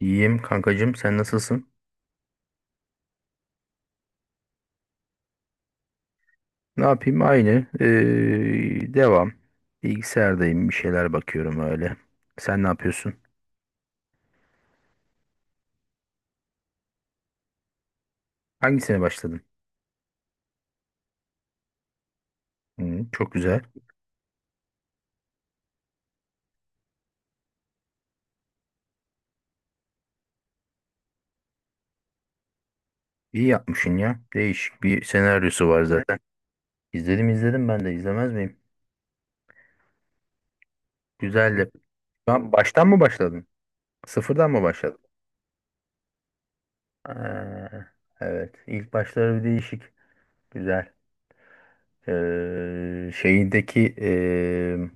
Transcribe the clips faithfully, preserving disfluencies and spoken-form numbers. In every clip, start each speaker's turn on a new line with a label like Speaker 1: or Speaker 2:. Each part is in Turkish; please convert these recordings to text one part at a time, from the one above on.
Speaker 1: İyiyim kankacığım, sen nasılsın? Ne yapayım, aynı. Ee, devam. Bilgisayardayım, bir şeyler bakıyorum öyle. Sen ne yapıyorsun? Hangisine başladın? Hı, çok güzel. İyi yapmışsın ya. Değişik bir senaryosu var zaten. İzledim, izledim, ben de izlemez miyim? Güzeldi. Ben baştan mı başladın? Sıfırdan mı başladın? Aa, evet. İlk başları bir değişik. Güzel. Eee, şeyindeki eee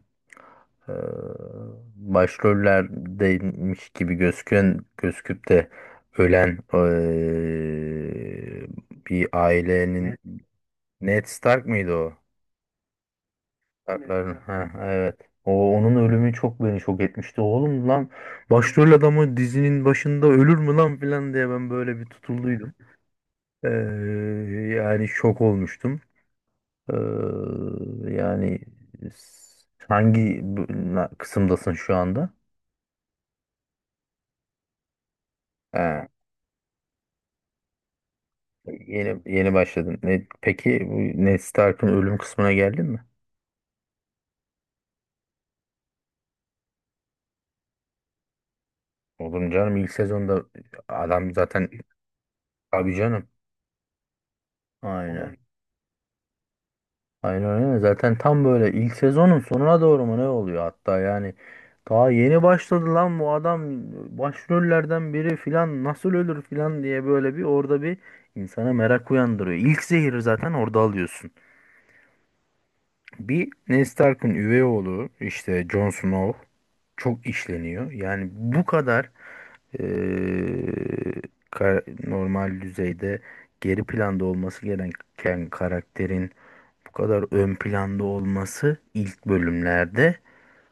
Speaker 1: eee, Başrollerdeymiş gibi gözüken gözüküp de ölen eee, bir ailenin Ned Stark mıydı o? Starkların, ha evet. O, onun ölümü çok beni şok etmişti. Oğlum lan, başrol adamı dizinin başında ölür mü lan filan diye ben böyle bir tutulduydum. Eee, Yani şok olmuştum. Ee, yani s- hangi bu- na- Kısımdasın şu anda? Ha, yeni yeni başladın. Ne, peki bu Ned Stark'ın ölüm kısmına geldin mi? Oğlum canım, ilk sezonda adam zaten, abi canım. Aynen. Aynen öyle. Zaten tam böyle ilk sezonun sonuna doğru mu ne oluyor hatta, yani daha yeni başladı lan bu adam, başrollerden biri filan nasıl ölür filan diye böyle bir orada bir insana merak uyandırıyor. İlk zehri zaten orada alıyorsun. Bir Ned Stark'ın üvey oğlu işte Jon Snow çok işleniyor. Yani bu kadar eee, ka- normal düzeyde geri planda olması gereken karakterin bu kadar ön planda olması ilk bölümlerde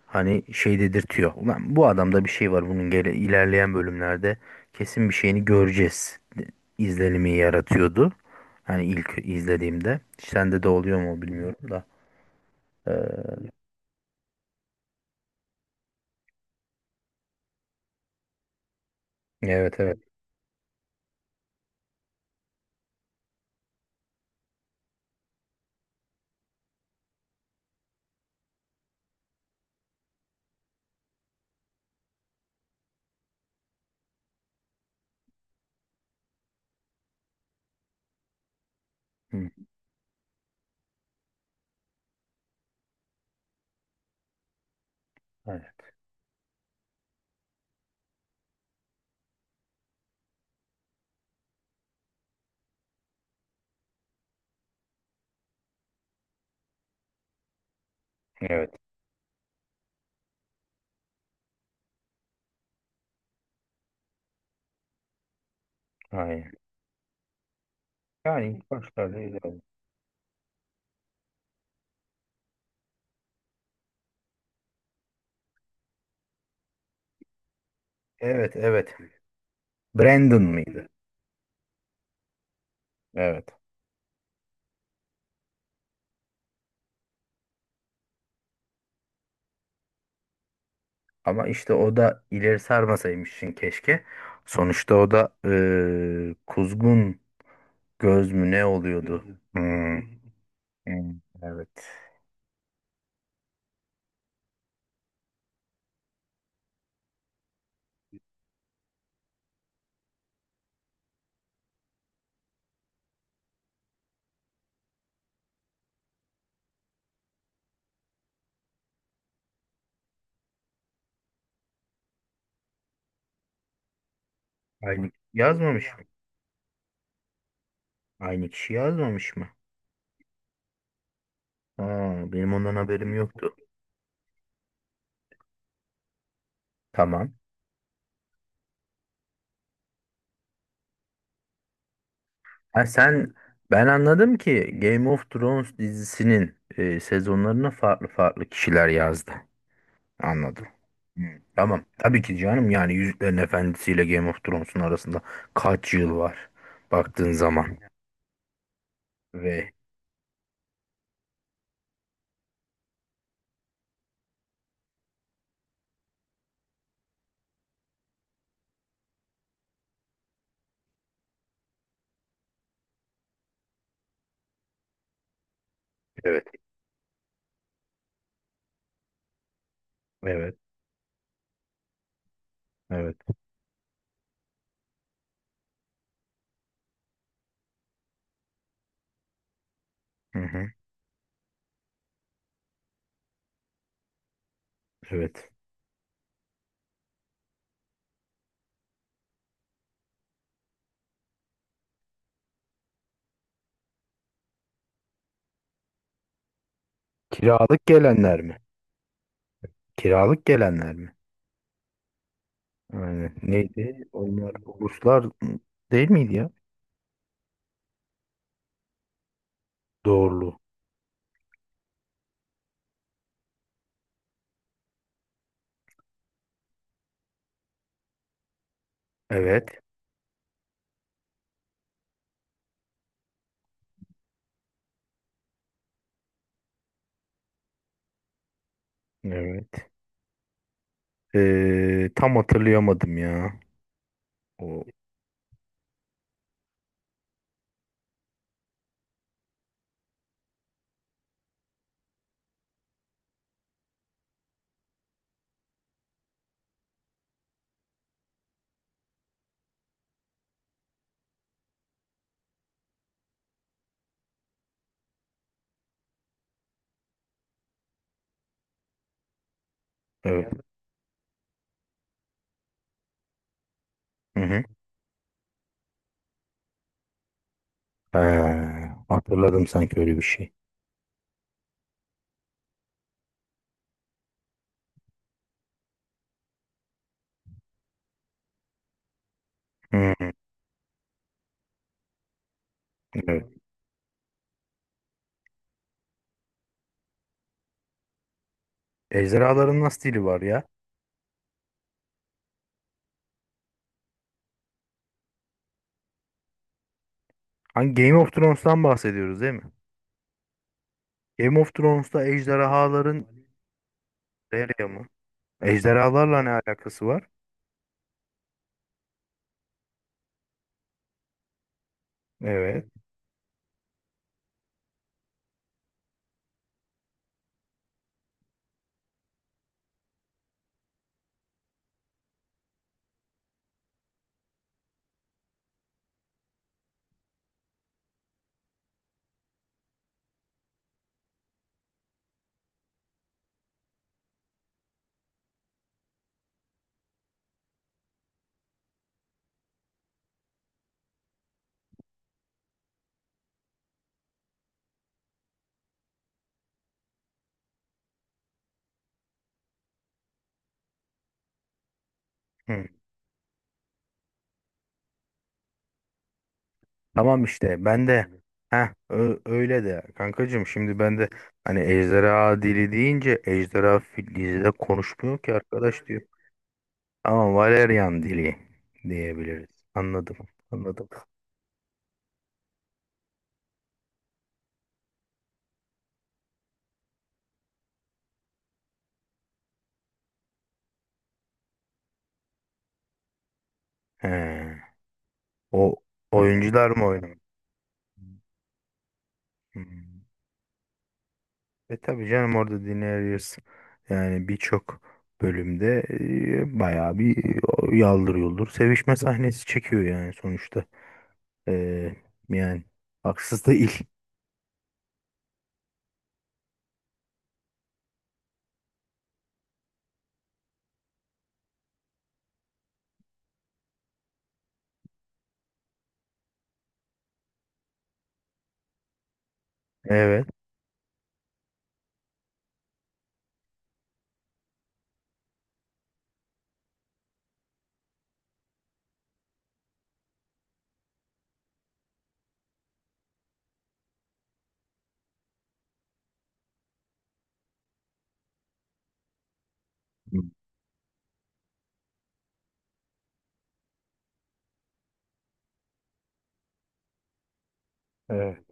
Speaker 1: hani şey dedirtiyor. Ulan, bu adamda bir şey var, bunun gele ilerleyen bölümlerde kesin bir şeyini göreceğiz de- izlenimi yaratıyordu. Hani ilk izlediğimde sende de oluyor mu bilmiyorum da. Eee, evet, evet. Hı, evet. Evet. Aynen. Yani ilk başlarda öyle. Evet, evet. Brandon mıydı? Evet. Ama işte o da ileri sarmasaymışsın keşke. Sonuçta o da eee, kuzgun göz mü ne oluyordu? Hı, hı, evet. Aynı yazmamış mı? Aynı kişi yazmamış mı? Ha, benim ondan haberim yoktu. Tamam. Ha, sen... Ben anladım ki Game of Thrones dizisinin eee, sezonlarına farklı farklı kişiler yazdı. Anladım. Hı, tamam. Tabii ki canım, yani Yüzüklerin Efendisi ile Game of Thrones'un arasında kaç yıl var baktığın zaman. Ve evet. Evet. Evet. Hı hı. Evet. Kiralık gelenler mi? Kiralık gelenler mi? Aynen. Neydi? Onlar uluslar değil miydi ya? Doğrulu. Evet. Evet. Ee, tam hatırlayamadım ya. O, evet. Hı hı. Ha, hatırladım sanki öyle bir şey. Hı hı. Evet. Ejderhaların nasıl dili var ya? Hangi Game of Thrones'tan bahsediyoruz değil mi? Game of Thrones'ta ejderhaların nereye mı? Ejderhalarla ne alakası var? Evet. Hı. Tamam işte, ben de... Heh, ö- öyle de kankacığım, şimdi ben de hani ejderha dili deyince ejderha fil- dizide konuşmuyor ki arkadaş diyor. Ama Valerian dili diyebiliriz. Anladım. Anladım. He. O oyuncular mı oynamış? Hmm. E tabii canım, orada dinleriz. Yani birçok bölümde e, bayağı bir e, yaldır yuldur sevişme sahnesi çekiyor yani sonuçta. E, Yani haksız değil. Evet. Evet.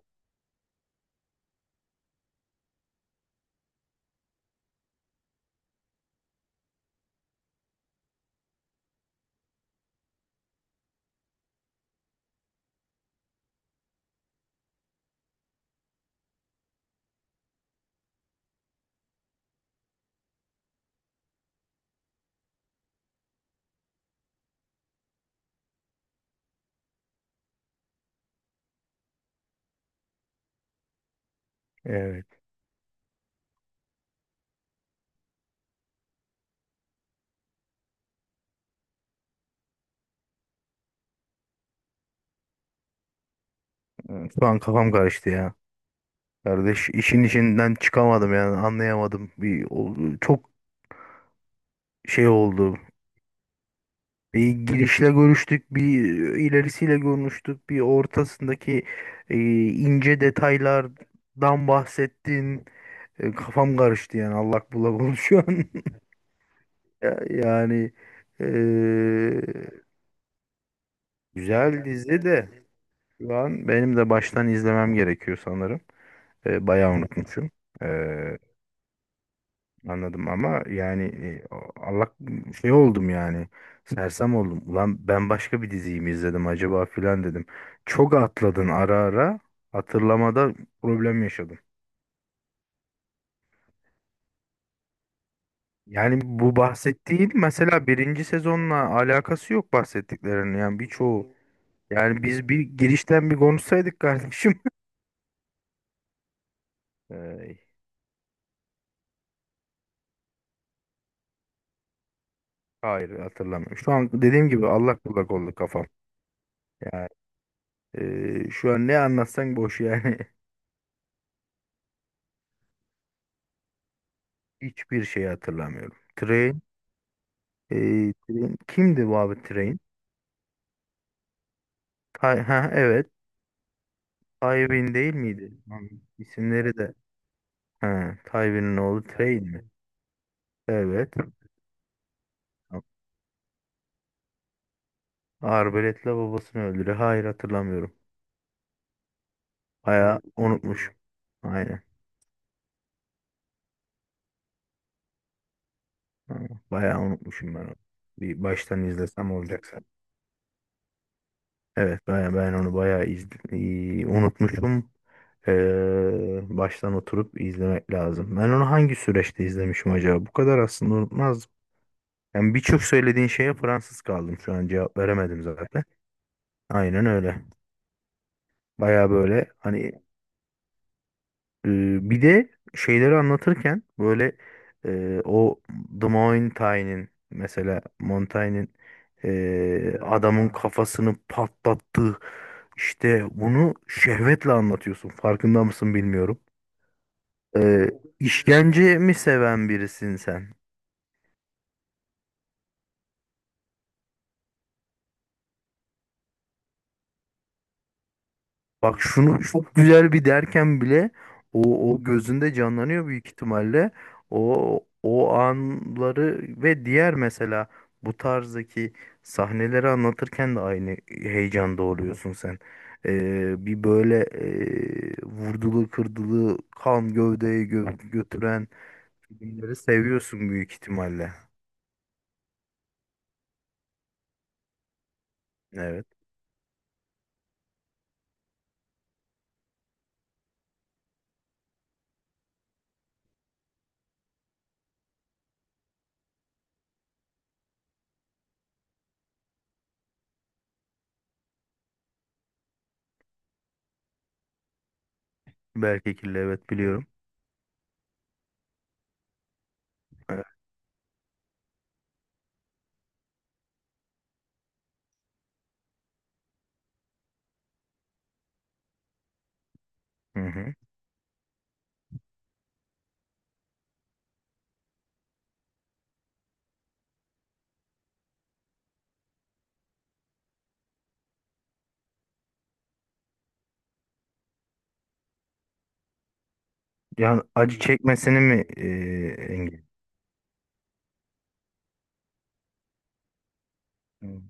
Speaker 1: Evet. Şu an kafam karıştı ya. Kardeş, işin içinden çıkamadım yani, anlayamadım. Bir, o- çok şey oldu. Bir girişle görüştük, bir e, ilerisiyle görüştük, bir ortasındaki e, ince detaylardan bahsettin. E, kafam karıştı yani, allak bullak oldu şu an. Ya- Yani e, güzel dizi de şu an benim de baştan izlemem gerekiyor sanırım. E, bayağı unutmuşum. E, Anladım ama yani, e, Allah şey oldum yani, sersem oldum. Ulan ben başka bir diziyi mi izledim acaba filan dedim. Çok atladın, ara ara hatırlamada problem yaşadım. Yani bu bahsettiğin mesela birinci sezonla alakası yok bahsettiklerinin yani birçoğu. Yani biz bir girişten bir konuşsaydık kardeşim. Ey, hayır hatırlamıyorum. Şu an dediğim gibi allak bullak oldu kafam. Yani, e, şu an ne anlatsan boş yani. Hiçbir şey hatırlamıyorum. Trey Ee, Train- kimdi bu abi Train? Ty- ha, evet. Tywin değil miydi? Lan, İsimleri de... Ha, Tywin'in oğlu Train mi? Evet. Arbaletle babasını öldürüyor. Hayır hatırlamıyorum. Bayağı unutmuşum. Aynen. Ha, bayağı unutmuşum ben onu. Bir baştan izlesem olacak zaten. Evet ben, ben onu bayağı izle, iyi, unutmuşum. Ee, baştan oturup izlemek lazım. Ben onu hangi süreçte izlemişim acaba? Bu kadar aslında unutmaz. Yani birçok söylediğin şeye Fransız kaldım şu an, cevap veremedim zaten. Aynen öyle. Baya böyle hani e, bir de şeyleri anlatırken böyle, e, o The Mountain'in mesela Montaigne'in e, adamın kafasını patlattığı işte, bunu şehvetle anlatıyorsun. Farkında mısın bilmiyorum. E, işkence mi seven birisin sen? Bak şunu çok güzel bir derken bile o, o gözünde canlanıyor büyük ihtimalle. O o anları ve diğer mesela bu tarzdaki sahneleri anlatırken de aynı heyecanda oluyorsun sen. Ee, bir böyle, e, vurdulu kırdılı kan gövdeye gö- götüren filmleri seviyorsun büyük ihtimalle. Evet. Berkekirli evet biliyorum. Evet. Hı hı. Yani acı çekmesini mi e, engel? Hı.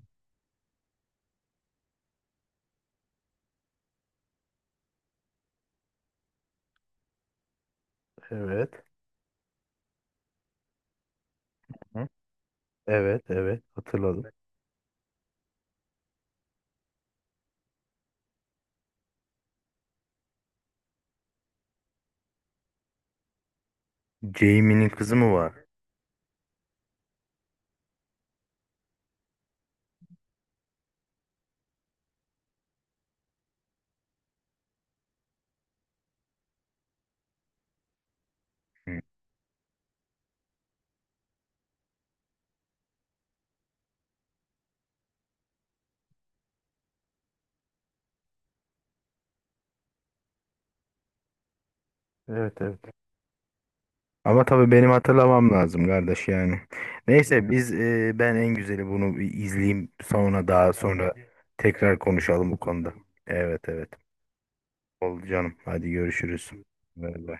Speaker 1: Evet. Evet, evet. Hatırladım. Jamie'nin kızı mı var? Hı. Evet, evet. Ama tabii benim hatırlamam lazım kardeş yani. Neyse, biz e, ben en güzeli bunu bir izleyeyim, sonra daha sonra tekrar konuşalım bu konuda. Evet evet. Oldu canım. Hadi görüşürüz. Bay bay.